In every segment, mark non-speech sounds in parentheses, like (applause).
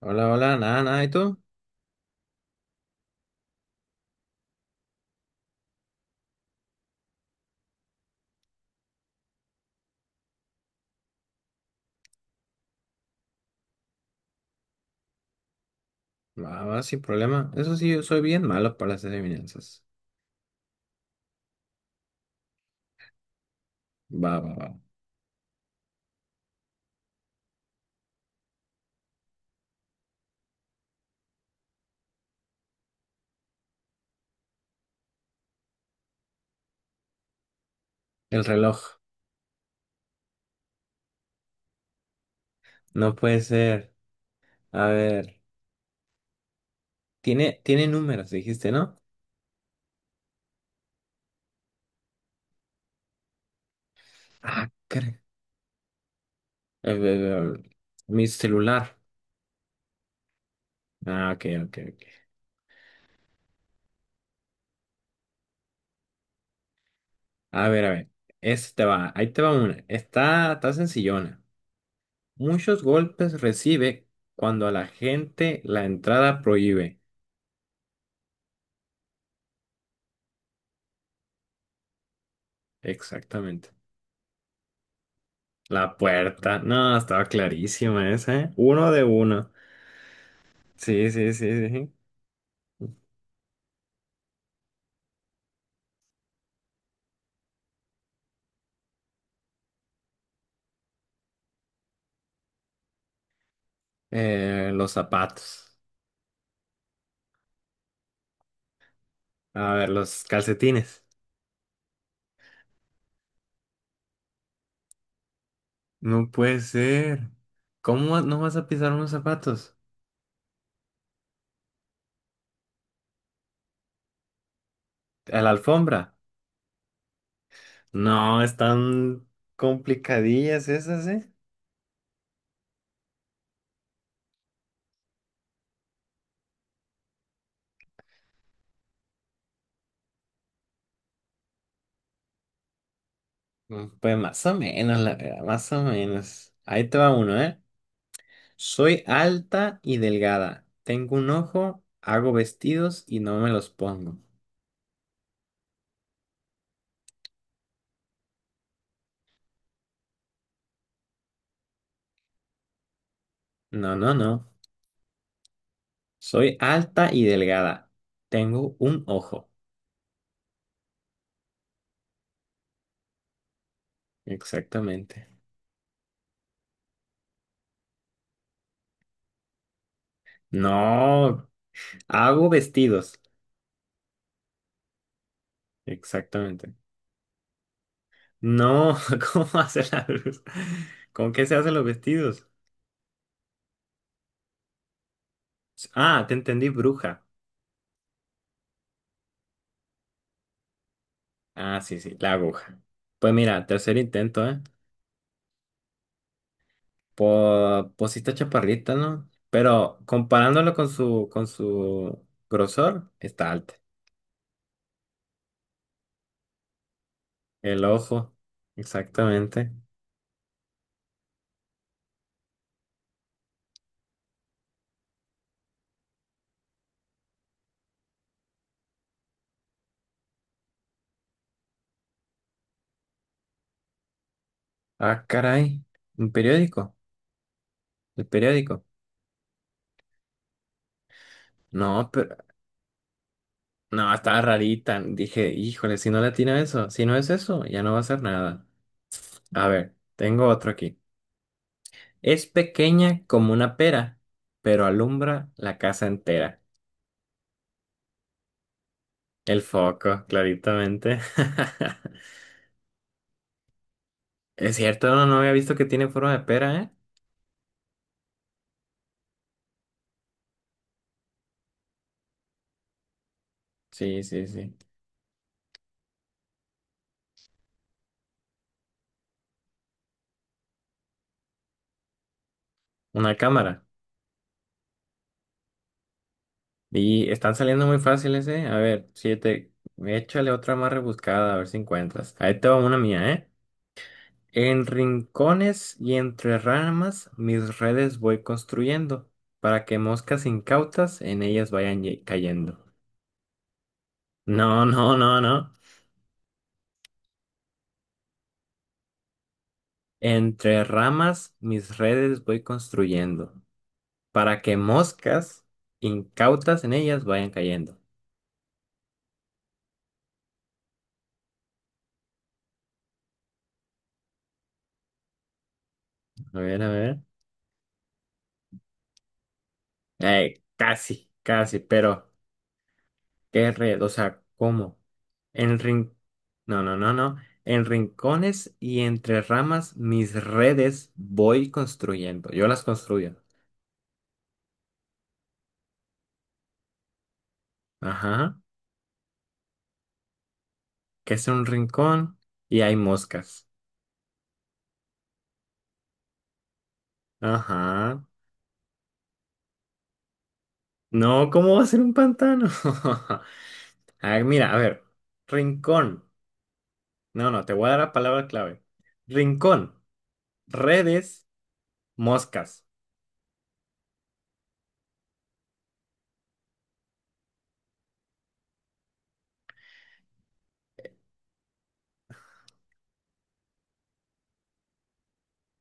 Hola, hola, nada, nada, ¿y tú? Va, va, sin problema. Eso sí, yo soy bien malo para las adivinanzas. Va, va, va. El reloj. No puede ser. A ver. Tiene números, dijiste, ¿no? Ah, caray. Eh, eh, eh, Mi celular. Ah, ok, ok, ok. A ver, a ver. Este te va, ahí te va una. Está sencillona. Muchos golpes recibe cuando a la gente la entrada prohíbe. Exactamente. La puerta. No, estaba clarísima esa, ¿eh? Uno de uno. Sí, sí, sí, sí. Sí. Los zapatos. A ver, los calcetines. No puede ser. ¿No vas a pisar unos zapatos? ¿A la alfombra? No, están complicadillas esas, ¿eh? Mm, pues más o menos, la verdad, más o menos. Ahí te va uno, ¿eh? Soy alta y delgada. Tengo un ojo, hago vestidos y no me los pongo. No, no, no. Soy alta y delgada. Tengo un ojo. Exactamente. No, hago vestidos. Exactamente. No, (laughs) ¿cómo hace la luz? ¿Con qué se hacen los vestidos? Ah, te entendí, bruja. Ah, sí, sí, la aguja. Pues mira, tercer intento, ¿eh? Pues sí está chaparrita, ¿no? Pero comparándolo con su grosor, está alta. El ojo, exactamente. Ah, caray, un periódico. ¿El periódico? No, pero no, estaba rarita. Dije, híjole, si no le atina eso, si no es eso, ya no va a ser nada. A ver, tengo otro aquí. Es pequeña como una pera, pero alumbra la casa entera. El foco, claritamente. (laughs) Es cierto, no, no había visto que tiene forma de pera, ¿eh? Sí, sí, sí. Una cámara. Y están saliendo muy fáciles, ¿eh? A ver, siete. Échale otra más rebuscada, a ver si encuentras. Ahí te va una mía, ¿eh? En rincones y entre ramas mis redes voy construyendo para que moscas incautas en ellas vayan cayendo. No, no, no, no. Entre ramas mis redes voy construyendo para que moscas incautas en ellas vayan cayendo. A ver, a ver. Casi, casi, pero... Qué red, o sea, ¿cómo? En rin... No, no, no, no. En rincones y entre ramas mis redes voy construyendo. Yo las construyo. Ajá. Que es un rincón y hay moscas. Ajá. No, ¿cómo va a ser un pantano? (laughs) A ver, mira, a ver. Rincón. No, no, te voy a dar la palabra clave. Rincón, redes, moscas.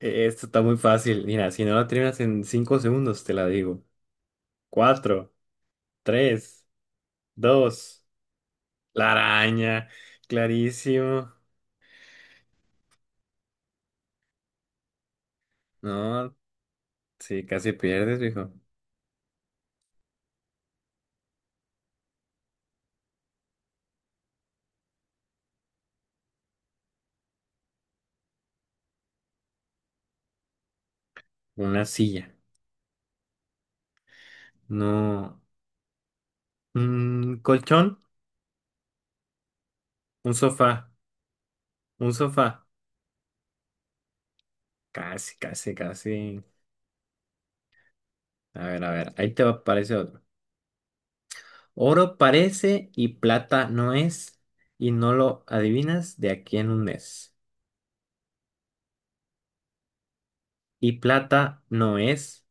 Esto está muy fácil. Mira, si no la terminas en 5 segundos, te la digo. Cuatro. Tres, dos, la araña, clarísimo. No, sí, casi pierdes, viejo. Una silla, no. Un colchón, un sofá, un sofá. Casi, casi, casi. A ver, aparece otro. Oro parece y plata no es, y no lo adivinas de aquí en un mes. Y plata no es,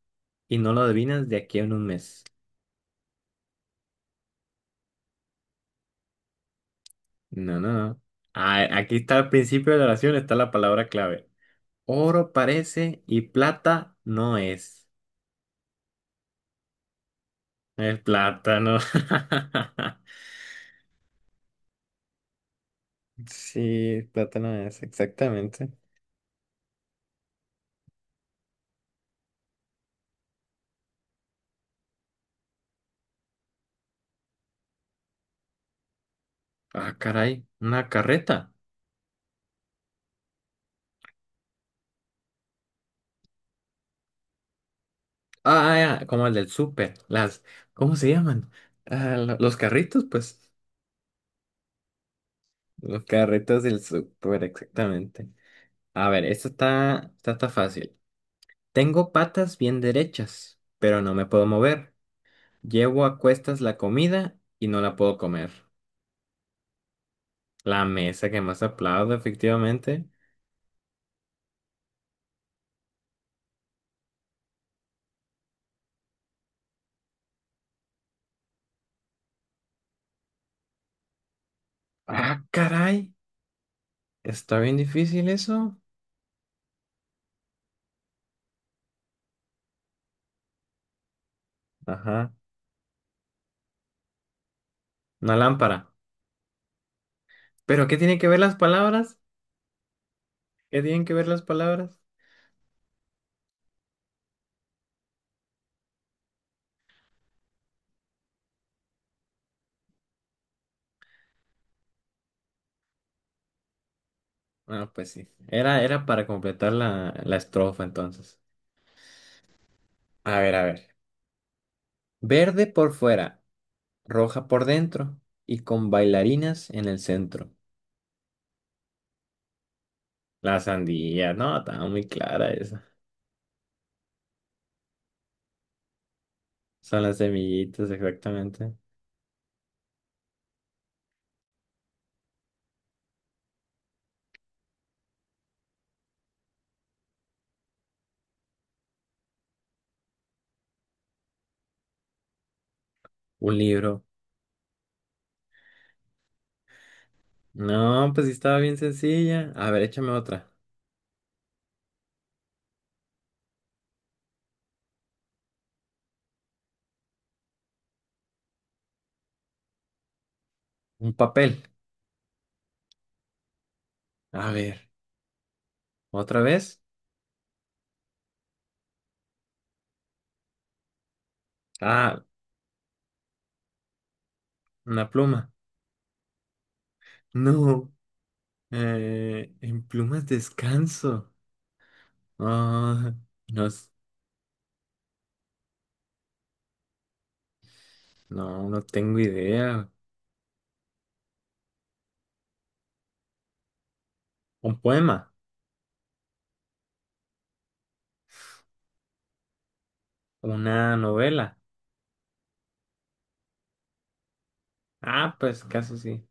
y no lo adivinas de aquí en un mes. No, no, no. Ah, aquí está al principio de la oración, está la palabra clave. Oro parece y plata no es. Es plátano. (laughs) Sí, plátano es, exactamente. Ah, caray, una carreta. Ah, ya, como el del súper. Las, ¿cómo se llaman? Ah, los carritos, pues. Los carritos del súper, exactamente. A ver, esta está fácil. Tengo patas bien derechas, pero no me puedo mover. Llevo a cuestas la comida y no la puedo comer. La mesa que más aplaudo, efectivamente. Ah, caray. Está bien difícil eso. Ajá. Una lámpara. ¿Pero qué tienen que ver las palabras? ¿Qué tienen que ver las palabras? Ah, pues sí. Era para completar la estrofa entonces. A ver, a ver. Verde por fuera, roja por dentro y con bailarinas en el centro. La sandía, no, estaba muy clara esa. Son las semillitas, exactamente. Un libro. No, pues sí estaba bien sencilla. A ver, échame otra. Un papel. A ver, ¿otra vez? Ah, una pluma. No. En plumas descanso. Ah, no, no, no tengo idea. Un poema. Una novela. Ah, pues casi sí.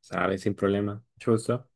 Sabe, sin problema. Chuzo.